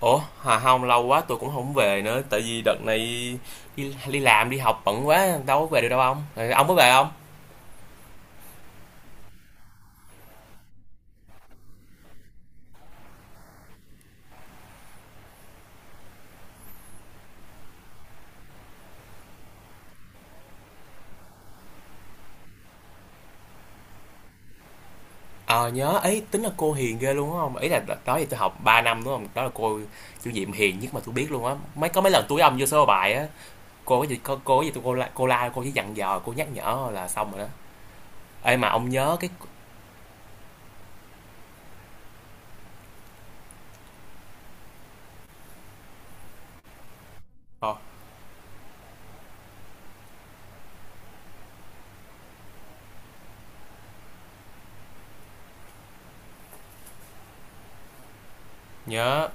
Ủa, Hà, không lâu quá tôi cũng không về nữa, tại vì đợt này đi làm đi học bận quá, đâu có về được đâu ông. Rồi ông có về không? Ờ, nhớ ấy, tính là cô hiền ghê luôn đúng không? Ý là đợt đó thì tôi học 3 năm đúng không? Đó là cô chủ nhiệm hiền nhất mà tôi biết luôn á. Có mấy lần tôi với ông vô sơ bài á, cô có gì tôi cô la cô chỉ dặn dò, cô nhắc nhở là xong rồi đó. Ê mà ông nhớ cái. Ờ, Nhớ.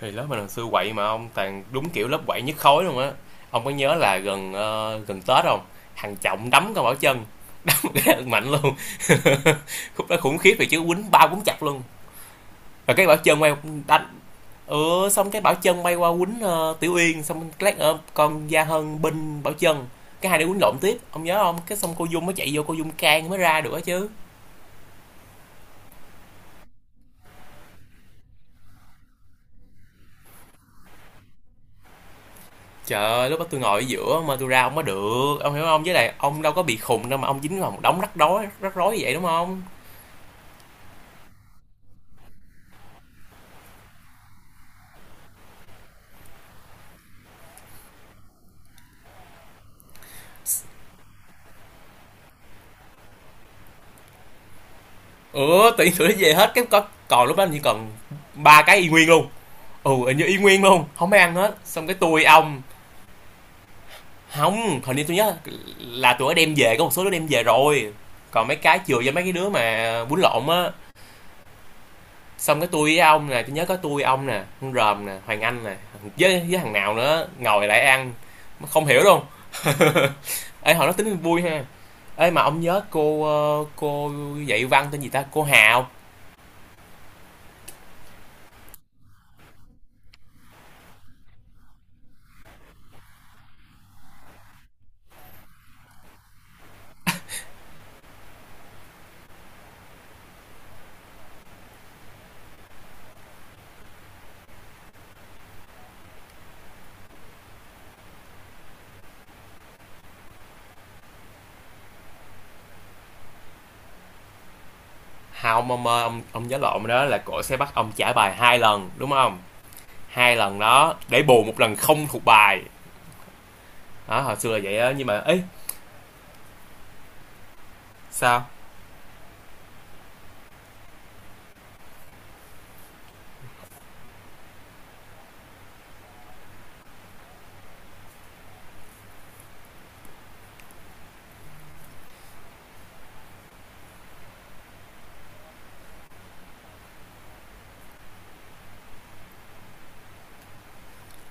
Thì lớp mình hồi xưa quậy mà ông toàn đúng kiểu lớp quậy nhất khối luôn á. Ông có nhớ là gần gần Tết không? Thằng Trọng đấm con Bảo Trân mạnh luôn khúc đó khủng khiếp, thì chứ quýnh ba quýnh chặt luôn. Rồi cái bảo chân quay đánh. Xong cái bảo chân bay qua quýnh tiểu uyên, xong lát ở con gia hân binh bảo chân, cái hai đứa quýnh lộn tiếp ông nhớ không? Cái xong cô dung mới chạy vô, cô dung can mới ra được á chứ. Trời ơi, lúc đó tôi ngồi ở giữa mà tôi ra không có được ông hiểu không, với lại ông đâu có bị khùng đâu mà ông dính vào một đống rắc rối vậy đúng không? Ừ, tự nhiên tụi nó về hết, cái có còn lúc đó chỉ còn ba cái y nguyên luôn. Ừ, hình như y nguyên luôn không ai ăn hết, xong cái tôi ông. Hông, hình như tôi nhớ là tụi nó đem về, có một số đứa đem về rồi. Còn mấy cái chừa cho mấy cái đứa mà bún lộn á. Xong cái tôi với ông nè, tôi nhớ có tôi ông nè, con Ròm nè, Hoàng Anh nè, với thằng nào nữa ngồi lại ăn, không hiểu luôn. Ê hồi đó tính vui ha. Ê mà ông nhớ cô cô dạy văn tên gì ta? Cô Hào. Hào, mà ông nhớ lộn đó, là cô sẽ bắt ông trả bài 2 lần, đúng không? Hai lần đó để bù một lần không thuộc bài. Đó, hồi xưa là vậy á, nhưng mà ấy sao?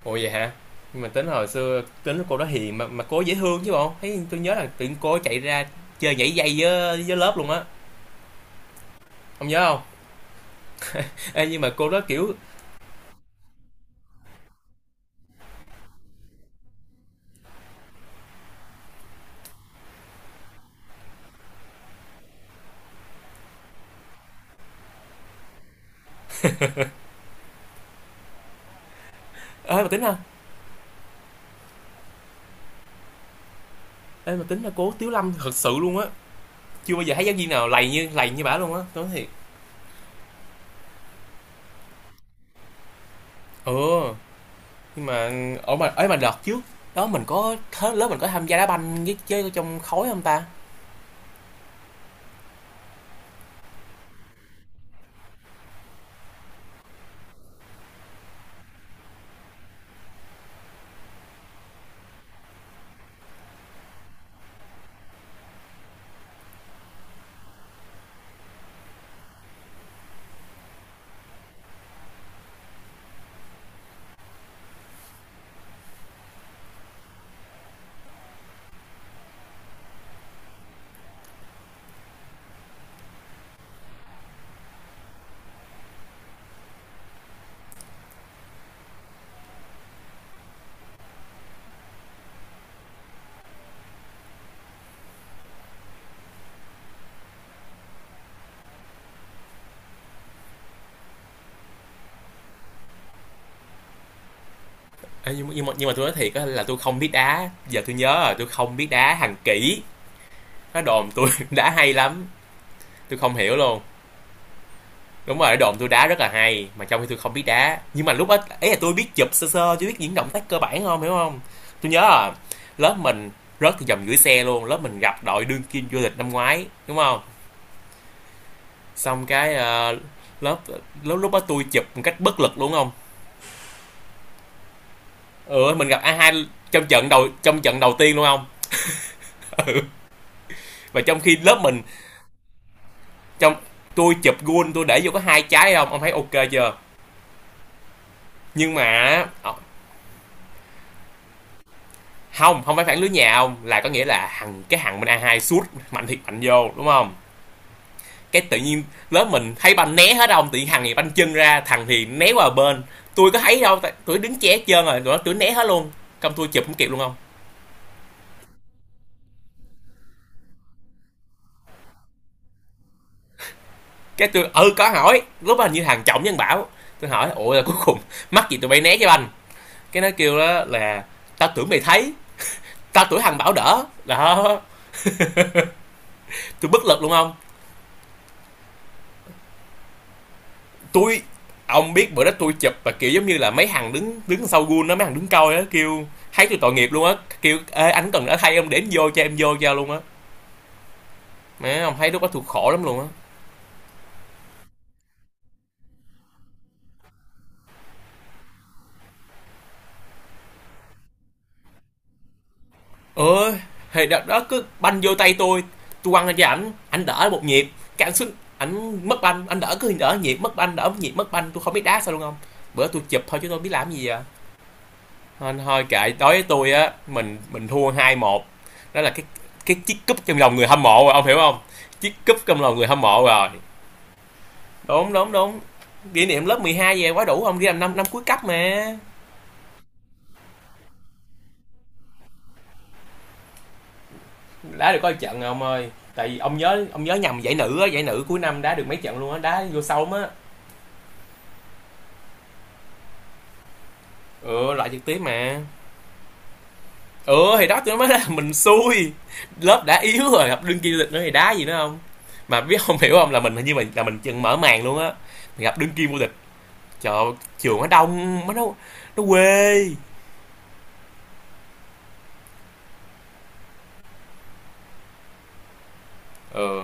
Ủa vậy hả? Nhưng mà tính hồi xưa tính cô đó hiền, mà cô ấy dễ thương chứ bộ. Thấy tôi nhớ là tự nhiên cô ấy chạy ra chơi nhảy dây với lớp luôn á. Không nhớ không? Ê, nhưng mà cô đó kiểu, ê mà tính ha. Ê mà tính là cô Tiếu Lâm thật sự luôn á. Chưa bao giờ thấy giáo viên nào lầy như bả luôn á, tôi nói thiệt. Ừ, nhưng mà ở mà ấy mà đợt trước đó mình có hết, lớp mình có tham gia đá banh với chơi trong khối không ta? Ê, nhưng mà tôi nói thiệt á là tôi không biết đá. Giờ tôi nhớ rồi, tôi không biết đá hàng kỹ. Nó đồn tôi đá hay lắm. Tôi không hiểu luôn. Đúng rồi, đồn tôi đá rất là hay, mà trong khi tôi không biết đá, nhưng mà lúc đó ấy là tôi biết chụp sơ sơ chứ biết những động tác cơ bản không hiểu không? Tôi nhớ là lớp mình rớt từ vòng gửi xe luôn, lớp mình gặp đội đương kim vô địch năm ngoái đúng không? Xong cái lớp lúc lúc đó tôi chụp một cách bất lực luôn không. Ừ, mình gặp A2 trong trận đầu tiên luôn không. Ừ. Và trong khi lớp mình trong tôi chụp gôn tôi để vô có 2 trái không ông thấy ok chưa? Nhưng mà không, không phải phản lưới nhà ông, là có nghĩa là thằng cái thằng bên A2 sút mạnh thiệt mạnh vô đúng không? Cái tự nhiên lớp mình thấy banh né hết ông, tự nhiên thằng thì banh chân ra thằng thì né qua bên, tôi có thấy đâu tại- tôi đứng che hết trơn rồi tụi nó tụi né hết luôn, công tôi chụp không kịp luôn không. Cái tôi ừ có hỏi lúc đó hình như thằng Trọng Nhân bảo, tôi hỏi ủa là cuối cùng mắc gì tụi bay né cái banh, cái nó kêu đó là tao tưởng mày thấy, tao tưởng thằng bảo đỡ đó. Tôi bất lực luôn không. Tôi, ông biết bữa đó tôi chụp và kiểu giống như là mấy thằng đứng đứng sau gun đó, mấy thằng đứng coi đó kêu thấy tôi tội nghiệp luôn á, kêu ê anh cần đã thay em đến vô cho em vô cho luôn á. Mẹ ông thấy lúc đó tôi khổ lắm luôn á. Ơi, thì đó, đó cứ banh vô tay tôi quăng lên cho ảnh, ảnh đỡ một nhịp, cái ảnh xuống ảnh mất banh, ảnh đỡ cứ đỡ nhịp mất banh, đỡ nhịp mất banh, tôi không biết đá sao luôn không. Bữa tôi chụp thôi chứ tôi biết làm gì giờ. Thôi, thôi kệ, đối với tôi á mình thua 2-1, đó là cái chiếc cúp trong lòng người hâm mộ rồi ông hiểu không, chiếc cúp trong lòng người hâm mộ rồi. Đúng đúng đúng. Kỷ niệm lớp 12 về quá đủ, ông đi làm 5 năm cuối cấp mà. Đá được có một trận ông ơi, tại vì ông nhớ, ông nhớ nhầm, giải nữ á, giải nữ cuối năm đá được mấy trận luôn á, đá vô sâu á. Ừ, loại trực tiếp mà. Ừ thì đó tôi nói là mình xui, lớp đã yếu rồi gặp đương kim vô địch nữa thì đá gì nữa không, mà biết không hiểu không, là mình hình như mình là mình chừng mở màn luôn á, mình gặp đương kim vô địch. Trời ơi, trường nó đông, nó quê. Ừ.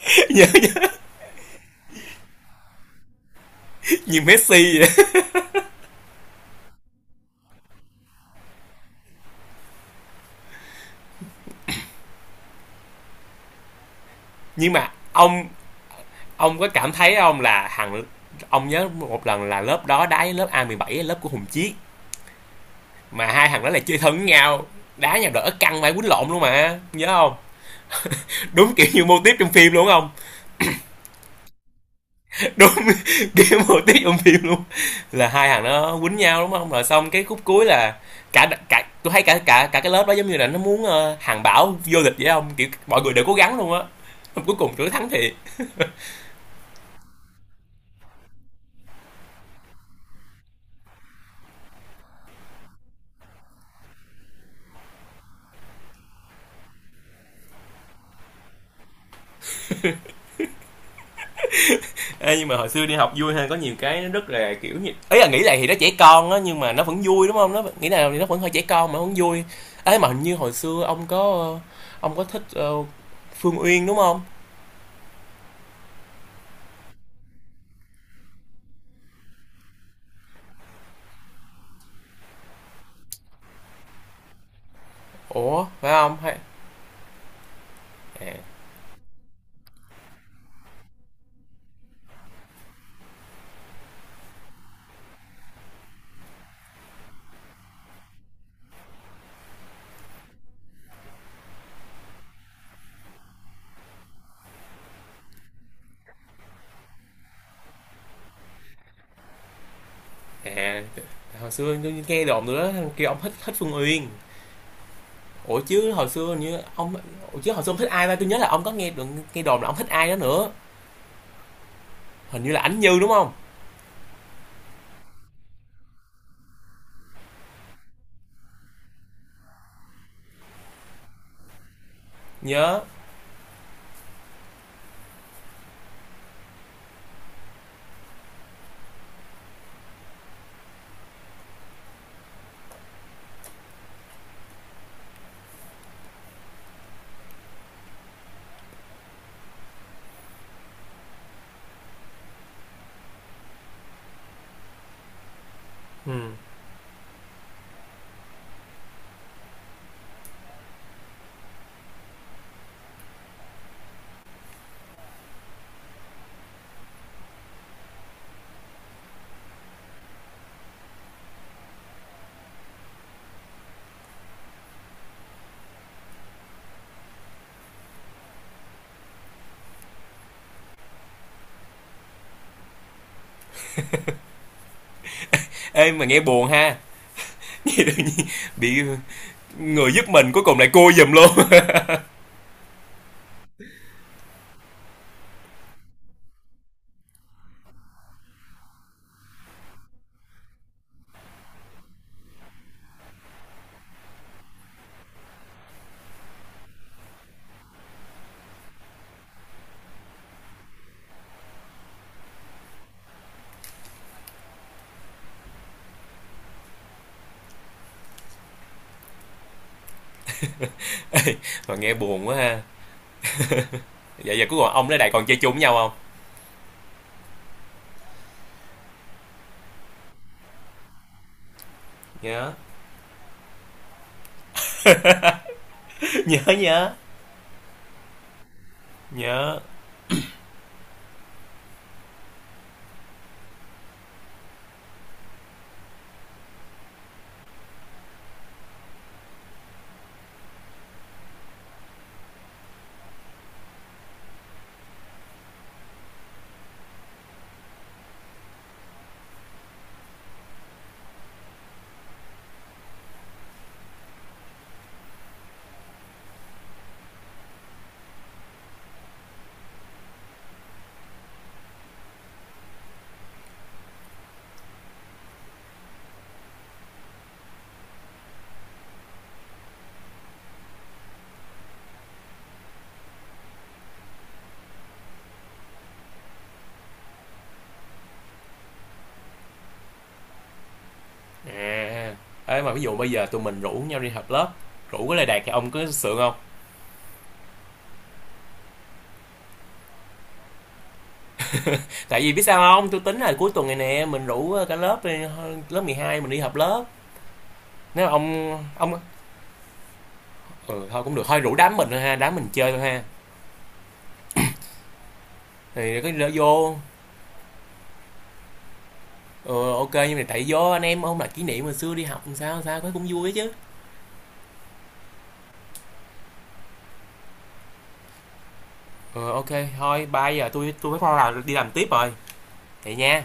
Như, như, như Messi vậy. Nhưng mà ông có cảm thấy không là thằng, ông nhớ một lần là lớp đó đá với lớp A17 lớp của Hùng Chiết mà hai thằng đó là chơi thân với nhau, đá nhau đỡ căng phải quýnh lộn luôn mà nhớ không, đúng kiểu như mô típ trong phim luôn không. Đúng game hồ tiết trong phim luôn, là hai thằng nó quýnh nhau đúng không, rồi xong cái khúc cuối là cả cả tôi thấy cả cả cả cái lớp đó giống như là nó muốn hàng bảo vô địch vậy không, kiểu mọi người đều cố gắng luôn á, cuối cùng tụi nó thắng thiệt. Ê, nhưng mà hồi xưa đi học vui hơn, có nhiều cái nó rất là kiểu như ấy, là nghĩ lại thì nó trẻ con á, nhưng mà nó vẫn vui đúng không, nó nghĩ là thì nó vẫn hơi trẻ con mà vẫn vui. Ấy mà hình như hồi xưa ông có ông có thích Phương Uyên đúng không? Ủa phải không, hay à? À, hồi xưa tôi nghe đồn nữa kêu ông thích thích Phương Uyên. Ủa chứ hồi xưa như ông, ủa chứ hồi xưa ông thích ai ta? Tôi nhớ là ông có nghe được, nghe đồn là ông thích ai đó nữa. Hình như là Ánh Như đúng không? Nhớ. Ừ. Ê mà nghe buồn ha. Nghe tự nhiên bị, người giúp mình cuối cùng lại cô giùm luôn. Mà nghe buồn quá ha. Vậy giờ cuối cùng ông với Đại còn chơi chung với nhau không? Nhớ. Nhớ nhớ. Nhớ. À. Ê mà ví dụ bây giờ tụi mình rủ nhau đi họp lớp, rủ cái Lê Đạt thì ông có sượng không? Tại vì biết sao không, tôi tính là cuối tuần này nè mình rủ cả lớp, lớp 12 mình đi họp lớp. Nếu ông, ừ, thôi cũng được, thôi rủ đám mình thôi ha, đám mình chơi thôi ha. Thì có lỡ vô, ừ, ok nhưng mà tại vô anh em không là kỷ niệm hồi xưa đi học sao sao cái cũng vui chứ. Ừ, ok. Thôi bây giờ tôi phải là đi làm tiếp rồi. Vậy nha.